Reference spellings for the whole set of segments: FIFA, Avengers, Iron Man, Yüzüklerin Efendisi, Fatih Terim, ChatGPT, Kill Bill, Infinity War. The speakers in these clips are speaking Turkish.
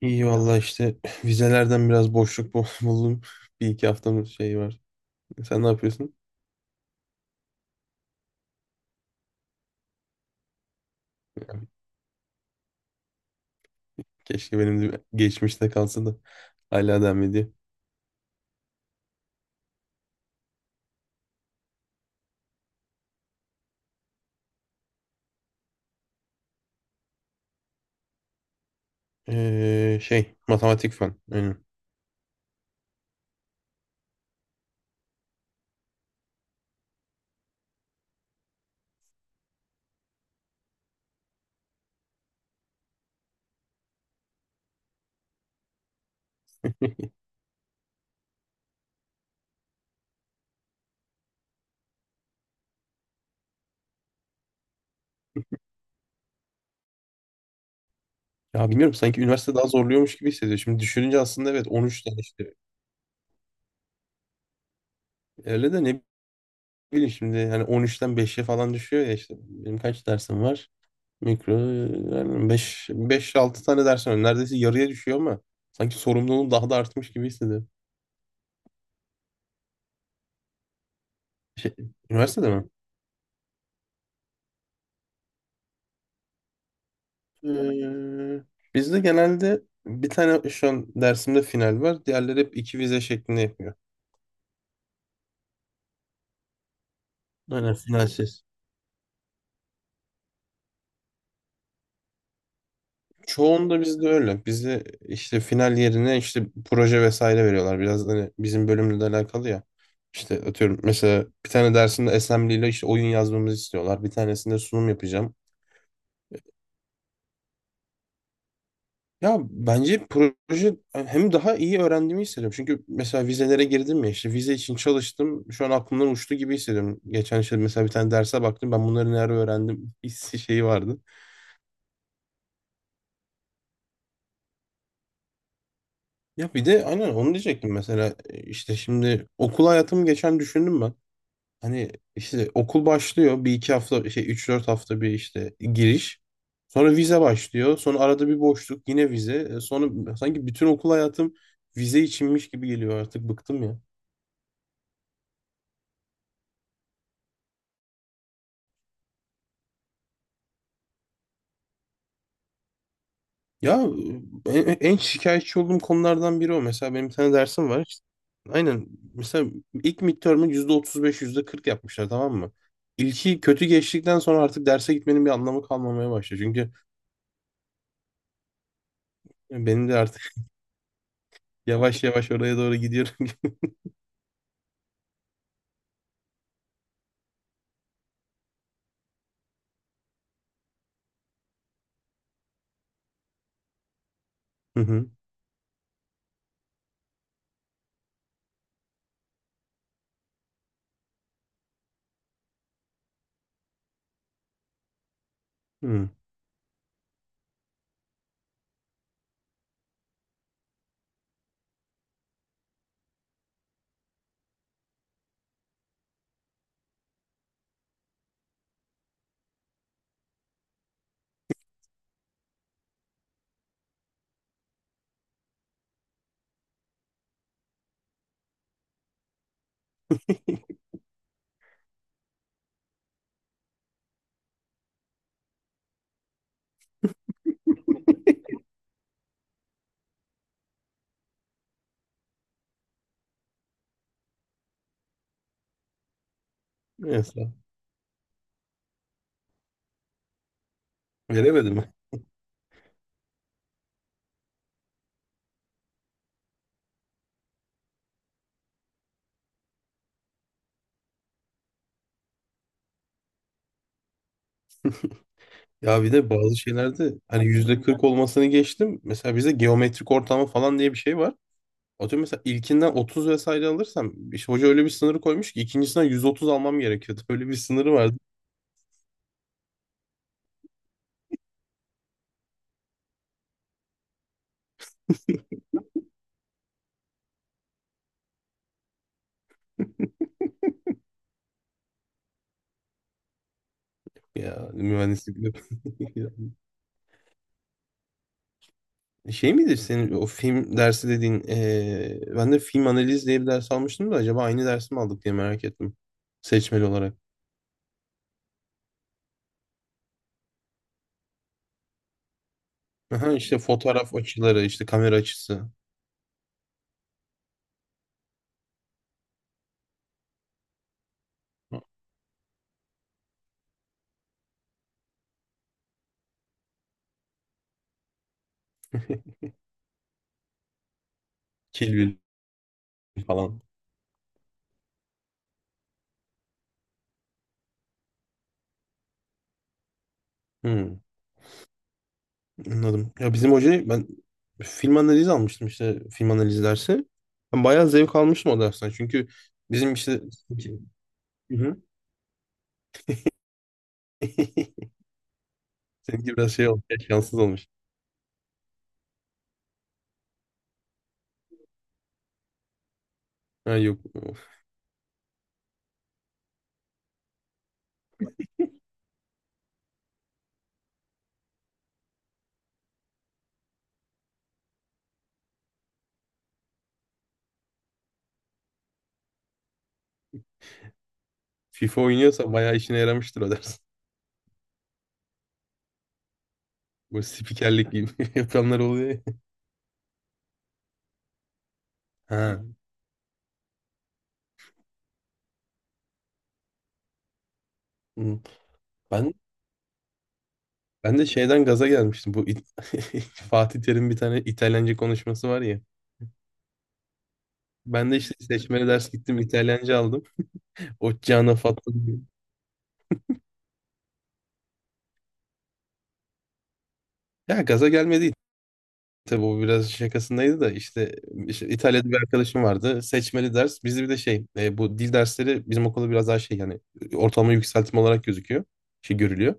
İyi valla işte vizelerden biraz boşluk buldum. Bir iki haftamız şey var. Sen ne yapıyorsun? Keşke benim de geçmişte kalsa da hala devam ediyor. Şey matematik falan. Aynen. Ya bilmiyorum, sanki üniversite daha zorluyormuş gibi hissediyor. Şimdi düşününce aslında evet 13 tane işte. Öyle de ne bileyim, şimdi hani 13'ten 5'e falan düşüyor ya işte. Benim kaç dersim var? Mikro, yani 5 5-6 tane dersim var. Neredeyse yarıya düşüyor ama sanki sorumluluğum daha da artmış gibi hissediyorum. Şey, üniversitede mi? Ee, Bizde genelde bir tane şu an dersimde final var. Diğerleri hep iki vize şeklinde yapıyor. Aynen, finalsiz. Çoğunda bizde öyle. Bizde işte final yerine işte proje vesaire veriyorlar. Biraz hani bizim bölümle de alakalı ya. İşte atıyorum mesela bir tane dersinde assembly ile işte oyun yazmamızı istiyorlar. Bir tanesinde sunum yapacağım. Ya bence proje hem daha iyi öğrendiğimi hissediyorum. Çünkü mesela vizelere girdim ya, işte vize için çalıştım. Şu an aklımdan uçtu gibi hissediyorum. Geçen işte mesela bir tane derse baktım, ben bunları nerede öğrendim hissi şeyi vardı. Ya bir de aynen onu diyecektim mesela işte şimdi okul hayatımı geçen düşündüm ben. Hani işte okul başlıyor, bir iki hafta şey üç dört hafta bir işte giriş. Sonra vize başlıyor. Sonra arada bir boşluk, yine vize. E, sonra sanki bütün okul hayatım vize içinmiş gibi geliyor, artık bıktım ya. Ya en, en şikayetçi olduğum konulardan biri o. Mesela benim bir tane dersim var. İşte, aynen. Mesela ilk midterm'ı %35, %40 yapmışlar, tamam mı? İlki kötü geçtikten sonra artık derse gitmenin bir anlamı kalmamaya başlıyor. Çünkü benim de artık yavaş yavaş oraya doğru gidiyorum. Hı hı. Hı. Neyse. Veremedim. Ya bir de bazı şeylerde hani %40 olmasını geçtim. Mesela bizde geometrik ortamı falan diye bir şey var. Atıyorum mesela ilkinden 30 vesaire alırsam işte hoca öyle bir sınırı koymuş ki ikincisinden 130 almam gerekiyordu. Öyle bir sınırı vardı ya, mühendislik. Şey midir senin o film dersi dediğin ben de film analiz diye bir ders almıştım da acaba aynı dersi mi aldık diye merak ettim. Seçmeli olarak. Aha, işte fotoğraf açıları, işte kamera açısı. Kill Bill falan. Hmm. Anladım. Ya bizim hocayı ben film analizi almıştım, işte film analizi dersi. Ben bayağı zevk almıştım o dersten. Çünkü bizim işte Hı hı. seninki biraz şey olmuş, şanssız olmuş. Ha yok. FIFA oynuyorsa bayağı işine yaramıştır o ders. Bu spikerlik gibi yapanlar oluyor ya. Ha. Hı. Ben ben de şeyden gaza gelmiştim. Bu Fatih Terim bir tane İtalyanca konuşması var ya. Ben de işte seçmeli ders gittim, İtalyanca aldım. O Cana Fatma. Ya gaza gelmedi, tabii o biraz şakasındaydı da işte, işte İtalya'da bir arkadaşım vardı. Seçmeli ders. Bizde bir de şey bu dil dersleri bizim okulda biraz daha şey, yani ortalama yükseltme olarak gözüküyor. Şey görülüyor.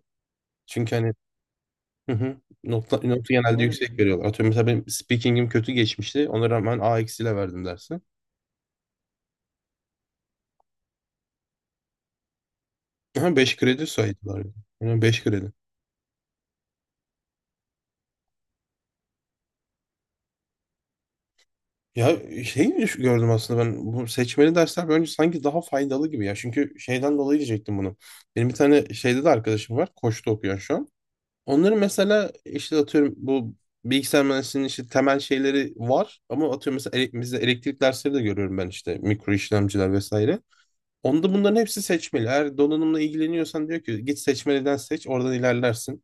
Çünkü hani hı hı, notu genelde yüksek veriyorlar. Atıyorum mesela benim speaking'im kötü geçmişti. Ona rağmen A eksiyle verdim dersi. Aha 5 kredi saydılar. Yani 5 kredi. Ya şey gördüm aslında ben, bu seçmeli dersler bence sanki daha faydalı gibi ya. Çünkü şeyden dolayı diyecektim bunu. Benim bir tane şeyde de arkadaşım var. Koç'ta okuyor şu an. Onların mesela işte atıyorum bu bilgisayar mühendisliğinin işte temel şeyleri var, ama atıyorum mesela bizde elektrik dersleri de görüyorum ben, işte mikro işlemciler vesaire. Onda bunların hepsi seçmeli. Eğer donanımla ilgileniyorsan diyor ki git seçmeliden seç, oradan ilerlersin.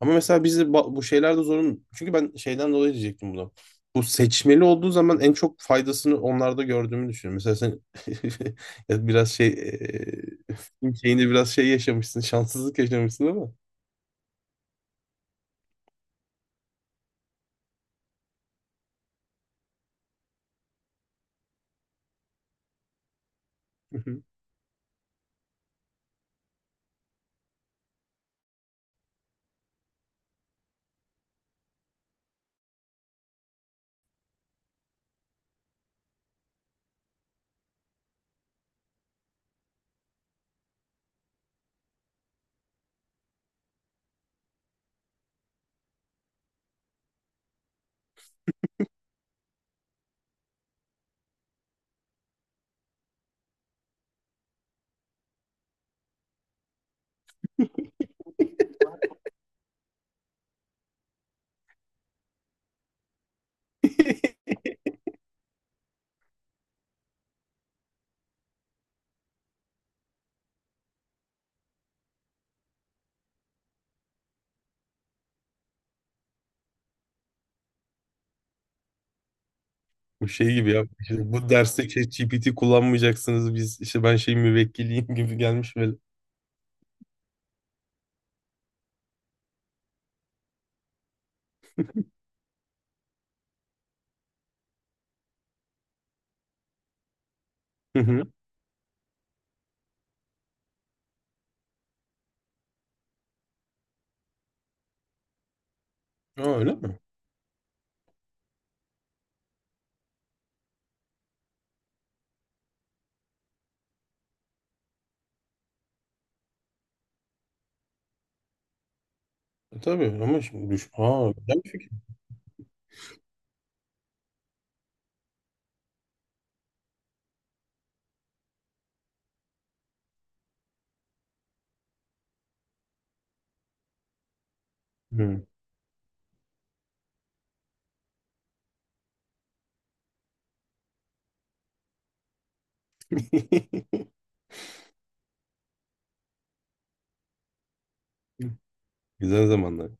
Ama mesela bizi bu şeylerde zorun, çünkü ben şeyden dolayı diyecektim bunu. Bu seçmeli olduğu zaman en çok faydasını onlarda gördüğümü düşünüyorum. Mesela sen ya biraz şey şeyinde biraz şey yaşamışsın, şanssızlık yaşamışsın ama. Bu şey gibi ya. İşte bu derste ChatGPT kullanmayacaksınız. Biz işte ben şey müvekkiliyim gibi gelmiş böyle. Hı hı. Aa, öyle mi? E, tabii ama şimdi düş. Aa, güzel bir fikir. Hı. Güzel zamanlar.